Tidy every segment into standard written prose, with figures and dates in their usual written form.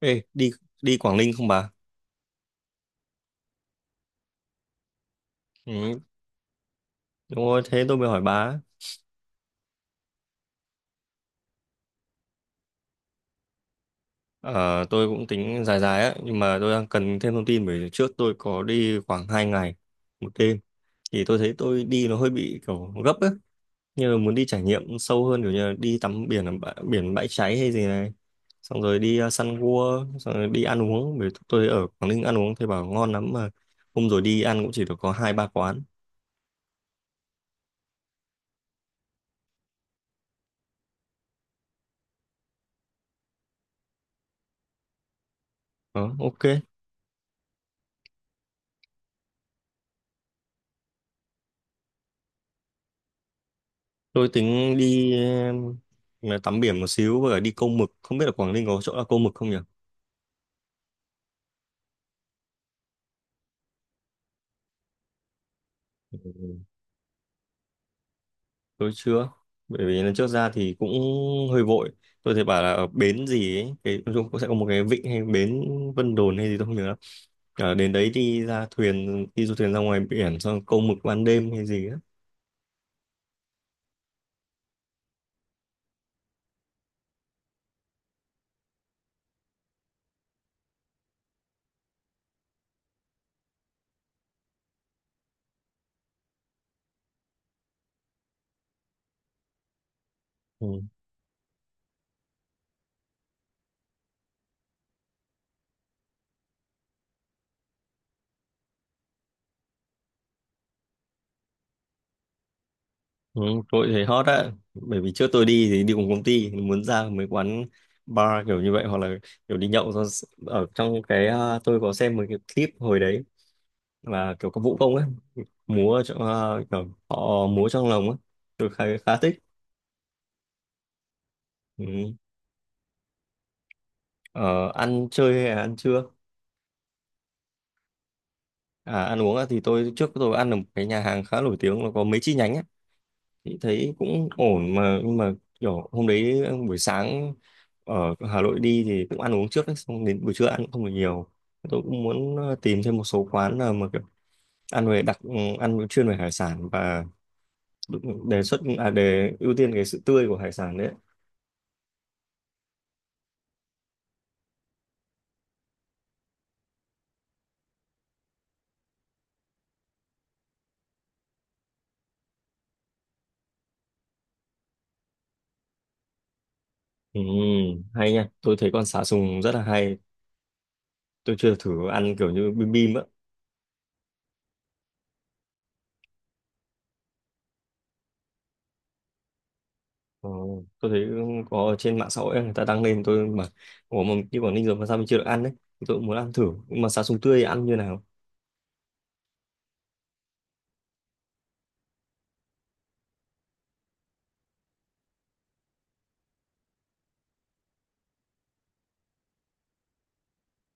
Ê, đi đi Quảng Ninh không bà? Ừ, đúng rồi, thế tôi mới hỏi bà. Ờ, tôi cũng tính dài dài á, nhưng mà tôi đang cần thêm thông tin bởi trước tôi có đi khoảng 2 ngày một đêm thì tôi thấy tôi đi nó hơi bị kiểu gấp á. Như là muốn đi trải nghiệm sâu hơn kiểu như là đi tắm biển ở biển Bãi Cháy hay gì này. Xong rồi đi săn cua, xong rồi đi ăn uống bởi tôi ở Quảng Ninh ăn uống thì bảo ngon lắm mà hôm rồi đi ăn cũng chỉ được có hai ba quán. Ờ, ok. Tôi tính đi ờ, tắm biển một xíu và đi câu mực. Không biết là Quảng Ninh có chỗ là câu mực không nhỉ? Tôi chưa. Bởi vì lần trước ra thì cũng hơi vội. Tôi thấy bảo là ở bến gì ấy. Cái, nói chung cũng sẽ có một cái vịnh hay bến Vân Đồn hay gì tôi không nhớ lắm. Ở đến đấy đi ra thuyền, đi du thuyền ra ngoài biển xong câu mực ban đêm hay gì á. Ừ. Ừ, tôi thấy hot á. Bởi vì trước tôi đi thì đi cùng công ty. Muốn ra mấy quán bar kiểu như vậy hoặc là kiểu đi nhậu xong ở trong cái à, tôi có xem một cái clip hồi đấy và kiểu có vũ công ấy múa ở trong kiểu họ múa trong lồng ấy tôi khá, khá thích ừ. Ờ, ăn chơi hay là ăn trưa? À, ăn uống á thì trước tôi ăn ở một cái nhà hàng khá nổi tiếng nó có mấy chi nhánh ấy thì thấy cũng ổn mà nhưng mà kiểu hôm đấy buổi sáng ở Hà Nội đi thì cũng ăn uống trước ấy, xong đến buổi trưa ăn cũng không được nhiều tôi cũng muốn tìm thêm một số quán nào mà kiểu ăn về ăn chuyên về hải sản và đề ưu tiên cái sự tươi của hải sản đấy. Ừ, hay nha, tôi thấy con sá sùng rất là hay. Tôi chưa thử ăn kiểu như bim bim á. Ờ, tôi thấy có ở trên mạng xã hội ấy, người ta đăng lên tôi mà ủa mà như Quảng Ninh rồi mà sao mình chưa được ăn đấy. Tôi cũng muốn ăn thử, nhưng mà sá sùng tươi ăn như nào?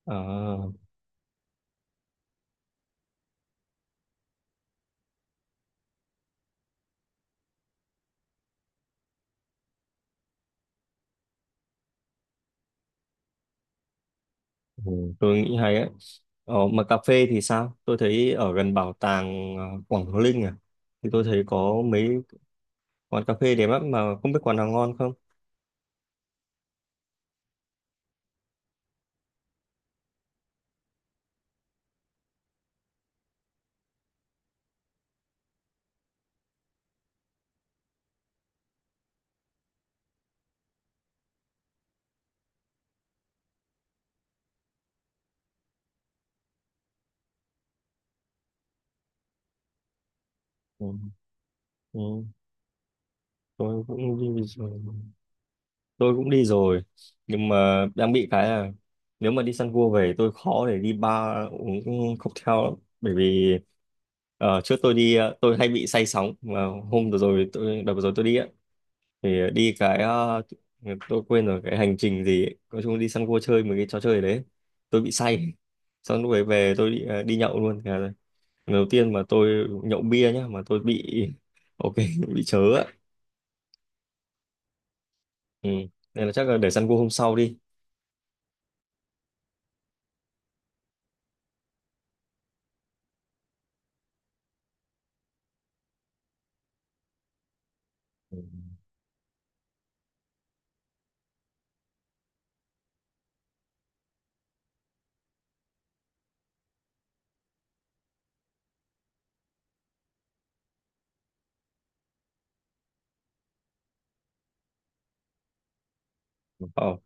À, ừ, tôi nghĩ hay ấy. Ờ, mà cà phê thì sao? Tôi thấy ở gần bảo tàng Quảng Hồ Linh à, thì tôi thấy có mấy quán cà phê đẹp lắm mà không biết quán nào ngon không? Ừ, ừ, tôi cũng đi rồi. Tôi cũng đi rồi nhưng mà đang bị cái là nếu mà đi săn cua về tôi khó để đi bar uống cocktail lắm bởi vì trước tôi đi tôi hay bị say sóng mà hôm vừa rồi đợt vừa rồi tôi đi á thì đi tôi quên rồi cái hành trình gì ấy. Nói chung đi săn cua chơi một cái trò chơi đấy tôi bị say xong lúc ấy về tôi đi, đi nhậu luôn. Thế là lần đầu tiên mà tôi nhậu bia nhá mà tôi bị ok bị chớ á ừ. Nên là chắc là để săn cua hôm sau đi. Ờ.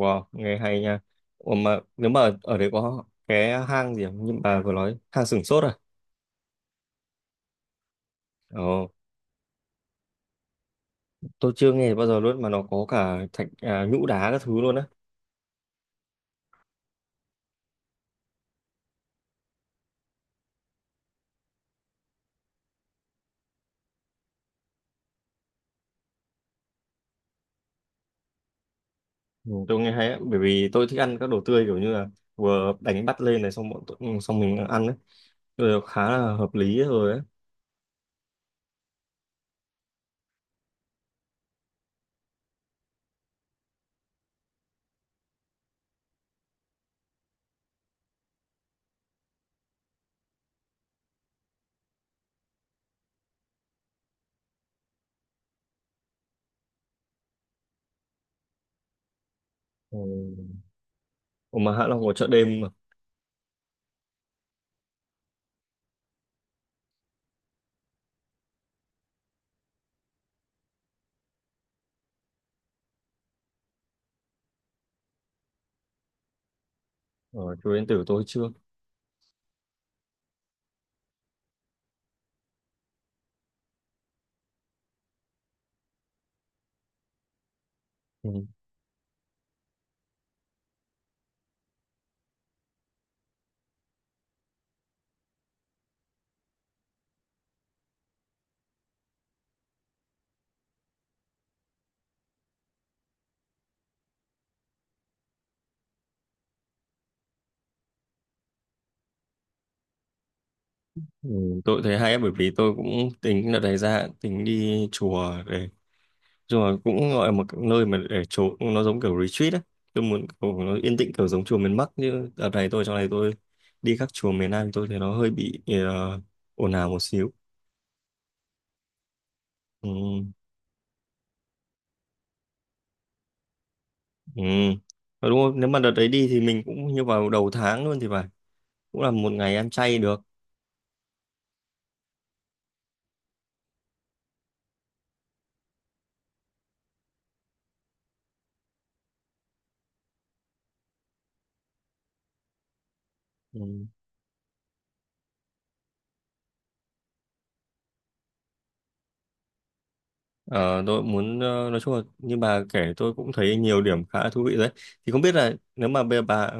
Wow, nghe hay nha. Ủa mà nếu mà ở đấy có cái hang gì không? Nhưng bà vừa nói hang Sửng Sốt à? Ồ, tôi chưa nghe bao giờ luôn mà nó có cả nhũ đá các thứ luôn á. Ừ, tôi nghe hay á, bởi vì tôi thích ăn các đồ tươi kiểu như là vừa đánh bắt lên này xong bọn tôi, ừ, xong mình ăn ấy. Tôi khá là hợp lý rồi ấy. Ừ. Ủa mà Hạ Long có chợ đêm mà. Ở chùa Yên Tử tôi chưa. Ừ. Ừ, tôi thấy hay á, bởi vì tôi cũng tính đợt này ra tính đi chùa để rồi cũng gọi là một cái nơi mà để trốn nó giống kiểu retreat á tôi muốn kiểu nó yên tĩnh kiểu giống chùa miền Bắc chứ đợt này tôi trong này tôi đi các chùa miền Nam thì tôi thấy nó hơi bị ồn ào một xíu ừ. Ừ. Ờ, đúng không nếu mà đợt đấy đi thì mình cũng như vào đầu tháng luôn thì phải cũng là một ngày ăn chay được ừ. Ờ, tôi muốn nói chung là như bà kể tôi cũng thấy nhiều điểm khá thú vị đấy. Thì không biết là nếu mà bây giờ bà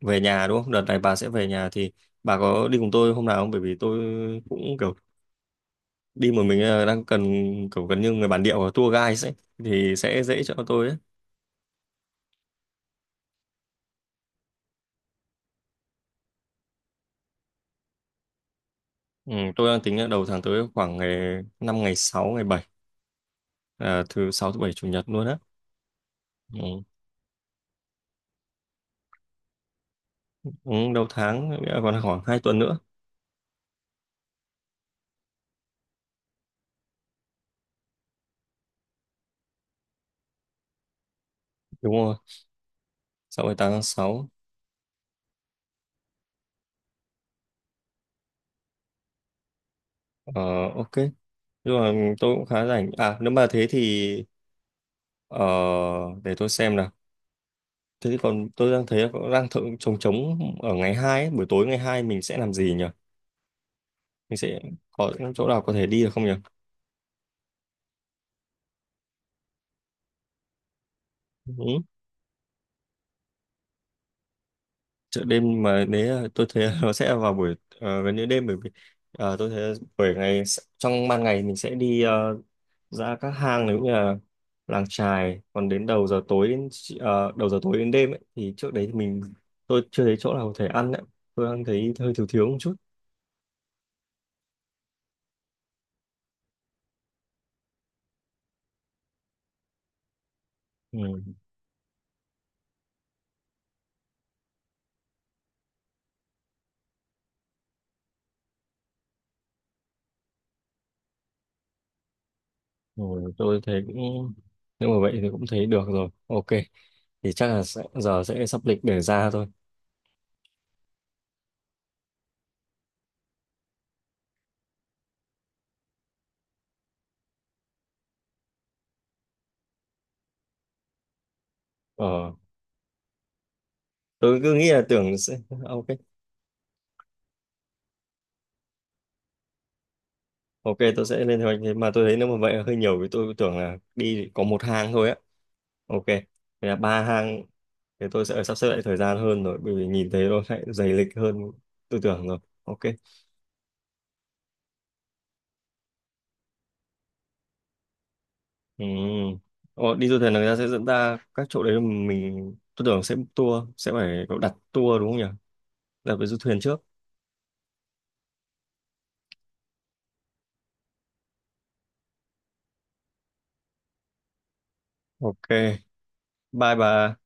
về nhà đúng không? Đợt này bà sẽ về nhà thì bà có đi cùng tôi hôm nào không? Bởi vì tôi cũng kiểu đi một mình đang cần kiểu gần như người bản địa hoặc tour guide ấy thì sẽ dễ cho tôi ấy. Ừ, tôi đang tính là đầu tháng tới khoảng ngày 5 ngày 6 ngày 7, à, thứ 6 thứ 7 chủ nhật luôn á. Ừ. Ừ, đầu tháng nghĩa là còn khoảng 2 tuần nữa. Đúng rồi. 6 ngày 8 tháng 6. Ờ, ok. Nhưng mà tôi cũng khá rảnh à nếu mà thế thì ờ, để tôi xem nào, thế thì còn tôi đang thấy đang thử trống trống ở ngày 2 ấy. Buổi tối ngày 2 mình sẽ làm gì nhỉ, mình sẽ có chỗ nào có thể đi được không nhỉ? Ừ. Chợ đêm mà nếu tôi thấy nó sẽ vào buổi gần như đêm bởi vì tôi thấy bởi ngày trong ban ngày mình sẽ đi ra các hang nếu như là làng chài còn đến đầu giờ tối đến đầu giờ tối đến đêm ấy, thì trước đấy thì mình tôi chưa thấy chỗ nào có thể ăn ấy. Tôi ăn thấy hơi thiếu thiếu một chút ừ. Rồi tôi thấy cũng nếu mà vậy thì cũng thấy được rồi ok thì chắc là sẽ, giờ sẽ sắp lịch để ra thôi. Ờ, tôi cứ nghĩ là tưởng sẽ ok. Ok tôi sẽ lên kế hoạch thế mà tôi thấy nếu mà vậy là hơi nhiều vì tôi tưởng là đi có một hang thôi á. Ok. Thế là ba hang thì tôi sẽ sắp xếp lại thời gian hơn rồi bởi vì nhìn thấy nó lại dày lịch hơn tư tưởng rồi ok. Ừ. Ồ, đi du thuyền là người ta sẽ dẫn ta các chỗ đấy mình tôi tưởng sẽ book tour sẽ phải có đặt tour đúng không nhỉ? Đặt với du thuyền trước. Ok, bye bà.